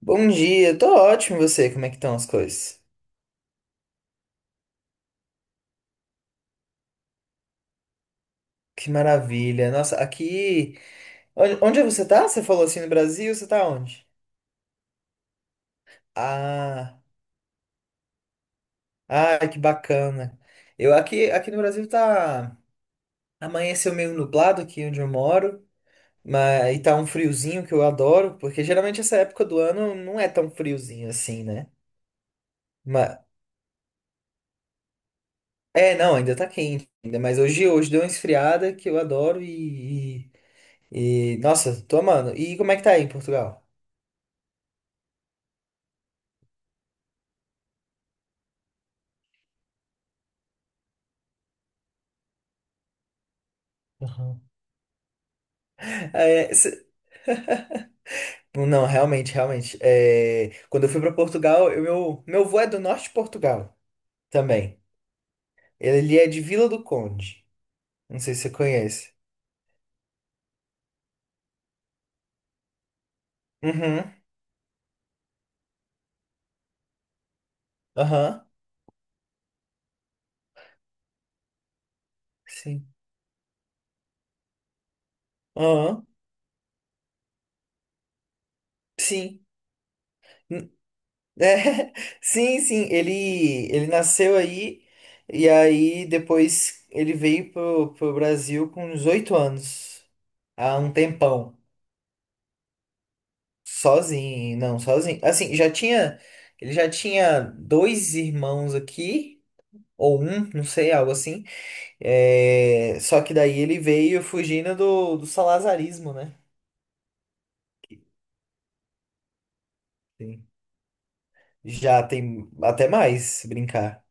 Bom dia, tô ótimo, e você? Como é que estão as coisas? Que maravilha. Nossa, aqui. Onde é você tá? Você falou assim no Brasil, você tá onde? Ah, ah, que bacana. Eu aqui no Brasil tá. Amanheceu meio nublado aqui onde eu moro, mas e tá um friozinho que eu adoro, porque geralmente essa época do ano não é tão friozinho assim, né? Mas é, não, ainda tá quente ainda, mas hoje deu uma esfriada que eu adoro e nossa, tô amando. E como é que tá aí em Portugal? Aham. É. Não, realmente, realmente. É, quando eu fui para Portugal, meu avô é do norte de Portugal também. Ele é de Vila do Conde. Não sei se você conhece. Uhum. Aham. Sim. Aham. Sim. N- É, sim, sim. Ele nasceu aí e aí depois ele veio pro Brasil com uns 8 anos. Há um tempão. Sozinho, não, sozinho. Assim, já tinha. Ele já tinha dois irmãos aqui, ou um, não sei, algo assim. É, só que daí ele veio fugindo do salazarismo, né? Sim. Já tem até mais, se brincar.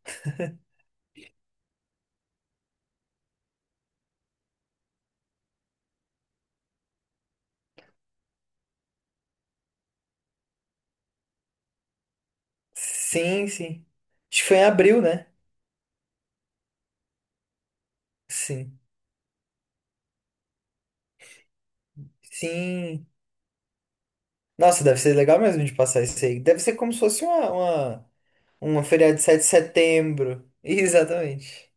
Sim, sim. Acho que foi em abril, né? Sim. Sim. Nossa, deve ser legal mesmo de passar isso aí. Deve ser como se fosse uma feriado de 7 de setembro. Exatamente.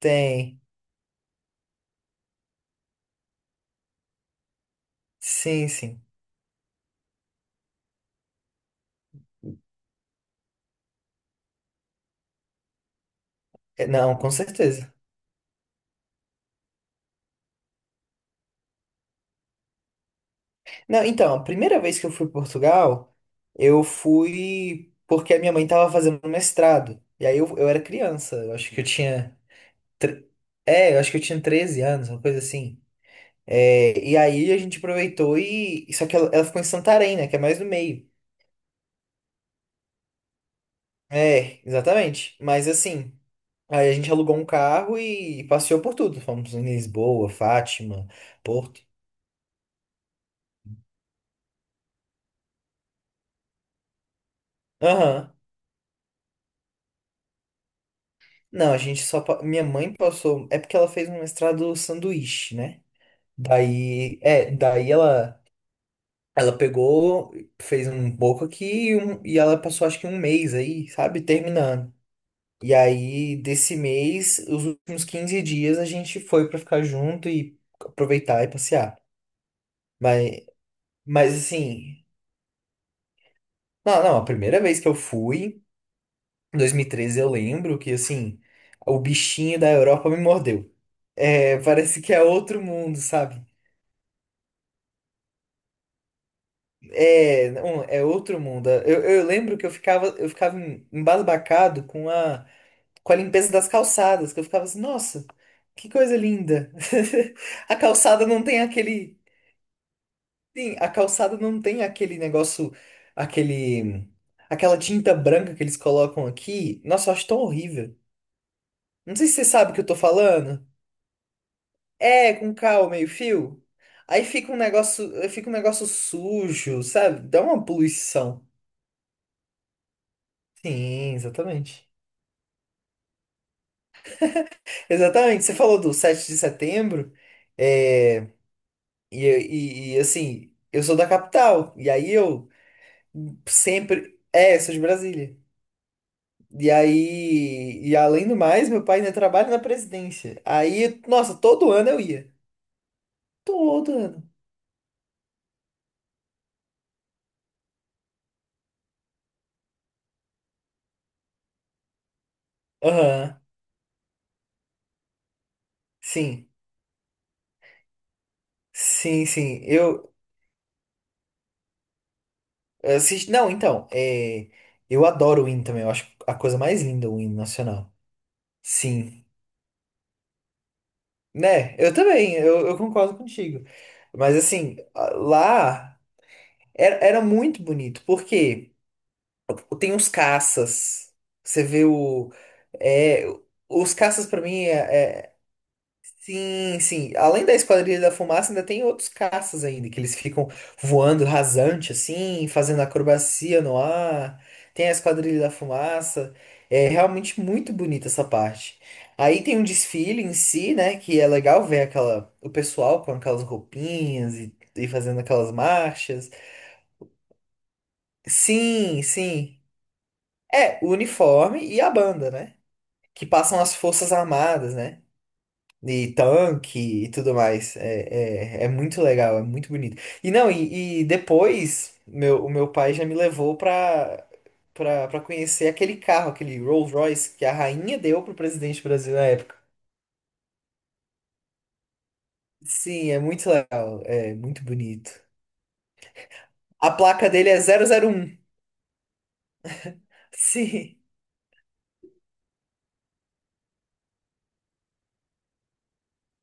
Tem. Sim, sim. É, não, com certeza. Não, então, a primeira vez que eu fui para Portugal, eu fui porque a minha mãe estava fazendo mestrado. E aí eu era criança, eu acho que eu tinha. tre- É, eu acho que eu tinha 13 anos, uma coisa assim. É, e aí a gente aproveitou e. Só que ela ficou em Santarém, né? Que é mais no meio. É, exatamente. Mas assim, aí a gente alugou um carro e passeou por tudo. Fomos em Lisboa, Fátima, Porto. Aham. Não, a gente só. Minha mãe passou. É porque ela fez um mestrado sanduíche, né? Daí. É, daí ela. Ela pegou, fez um pouco aqui e ela passou acho que um mês aí, sabe? Terminando. E aí, desse mês, os últimos 15 dias a gente foi pra ficar junto e aproveitar e passear. Mas, mas assim. Não, não, a primeira vez que eu fui, em 2013, eu lembro que assim. O bichinho da Europa me mordeu. É, parece que é outro mundo, sabe? É, não, é outro mundo. Eu lembro que eu ficava embasbacado com a limpeza das calçadas, que eu ficava assim, nossa, que coisa linda. A calçada não tem aquele, sim, a calçada não tem aquele negócio, aquele, aquela tinta branca que eles colocam aqui. Nossa, eu acho tão horrível. Não sei se você sabe o que eu tô falando. É, com cal, meio fio. Aí fica um negócio sujo, sabe? Dá uma poluição. Sim, exatamente. Exatamente, você falou do 7 de setembro, é, assim, eu sou da capital, e aí eu sempre. É, sou de Brasília. E aí, e além do mais, meu pai ainda trabalha na presidência. Aí, nossa, todo ano eu ia. Todo ano. Aham, sim, sim, sim. Eu assisti. Não, então, eu adoro o hino também, eu acho a coisa mais linda o hino nacional. Sim. Né, eu também, eu concordo contigo. Mas assim, lá era muito bonito, porque tem os caças. Você vê o. é, os caças, pra mim, Sim, sim. Além da Esquadrilha da Fumaça, ainda tem outros caças ainda, que eles ficam voando rasante, assim, fazendo acrobacia no ar. Tem a Esquadrilha da Fumaça. É realmente muito bonita essa parte. Aí tem um desfile em si, né? Que é legal ver aquela, o pessoal com aquelas roupinhas e fazendo aquelas marchas. Sim, sim. É, o uniforme e a banda, né? Que passam as Forças Armadas, né? E tanque e tudo mais. É muito legal, é muito bonito. E não, e depois o meu pai já me levou pra conhecer aquele carro, aquele Rolls Royce que a rainha deu pro presidente do Brasil na época. Sim, é muito legal, é muito bonito. A placa dele é 001. Sim,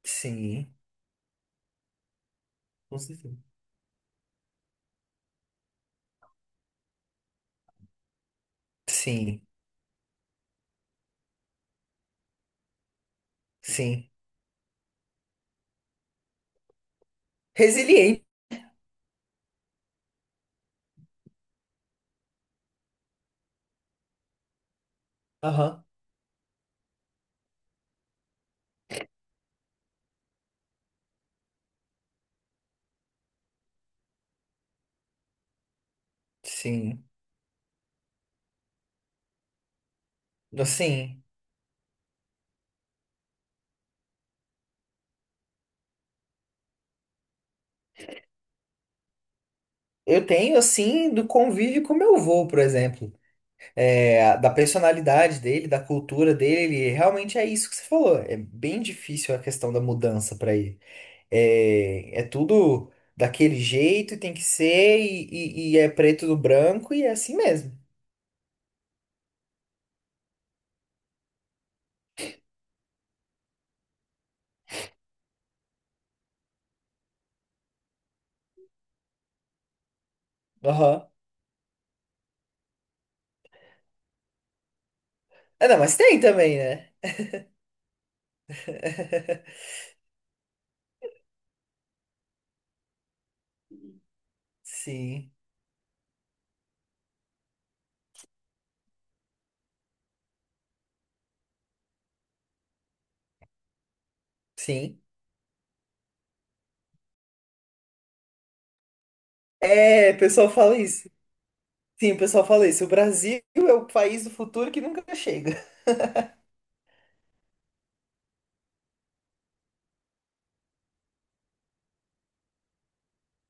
sim, com certeza. Sim, sim. Resiliente. Aham. Sim. Assim, eu tenho, assim, do convívio com meu avô, por exemplo. Da personalidade dele, da cultura dele, realmente é isso que você falou. É bem difícil a questão da mudança para ele. É tudo daquele jeito, e tem que ser, e é preto no branco, e é assim mesmo. Aham. Ah, não, mas tem também, né? Sim, sim. É, o pessoal fala isso. Sim, o pessoal fala isso. O Brasil é o país do futuro que nunca chega.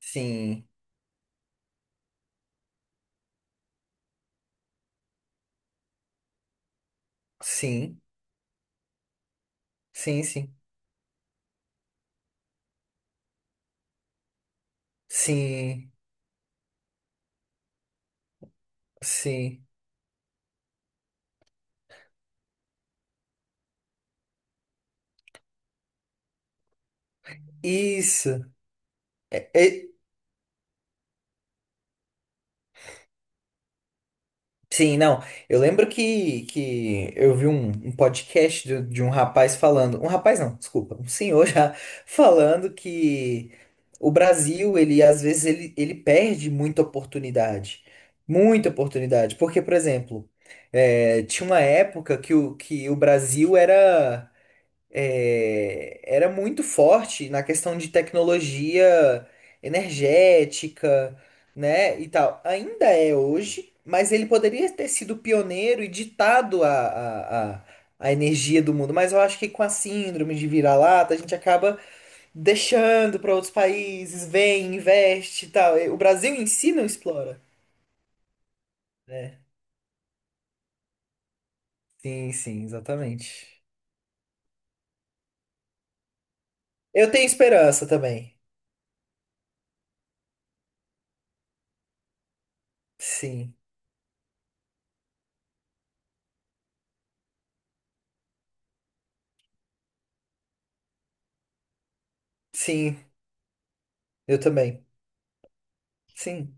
Sim, sim, sim, sim, sim, sim. Isso. É, sim, não. Eu lembro que eu vi um podcast de um rapaz falando. Um rapaz não, desculpa, um senhor já falando que o Brasil, ele às vezes ele perde muita oportunidade. Muita oportunidade. Porque, por exemplo, tinha uma época que o Brasil era muito forte na questão de tecnologia energética, né, e tal. Ainda é hoje, mas ele poderia ter sido pioneiro e ditado a energia do mundo. Mas eu acho que com a síndrome de vira-lata, a gente acaba deixando para outros países, vem, investe e tal. O Brasil em si não explora, né? Sim, sim, exatamente. Eu tenho esperança também. Sim, sim, eu também. Sim.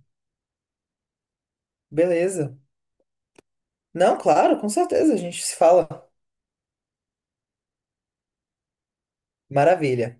Beleza. Não, claro, com certeza, a gente se fala. Maravilha.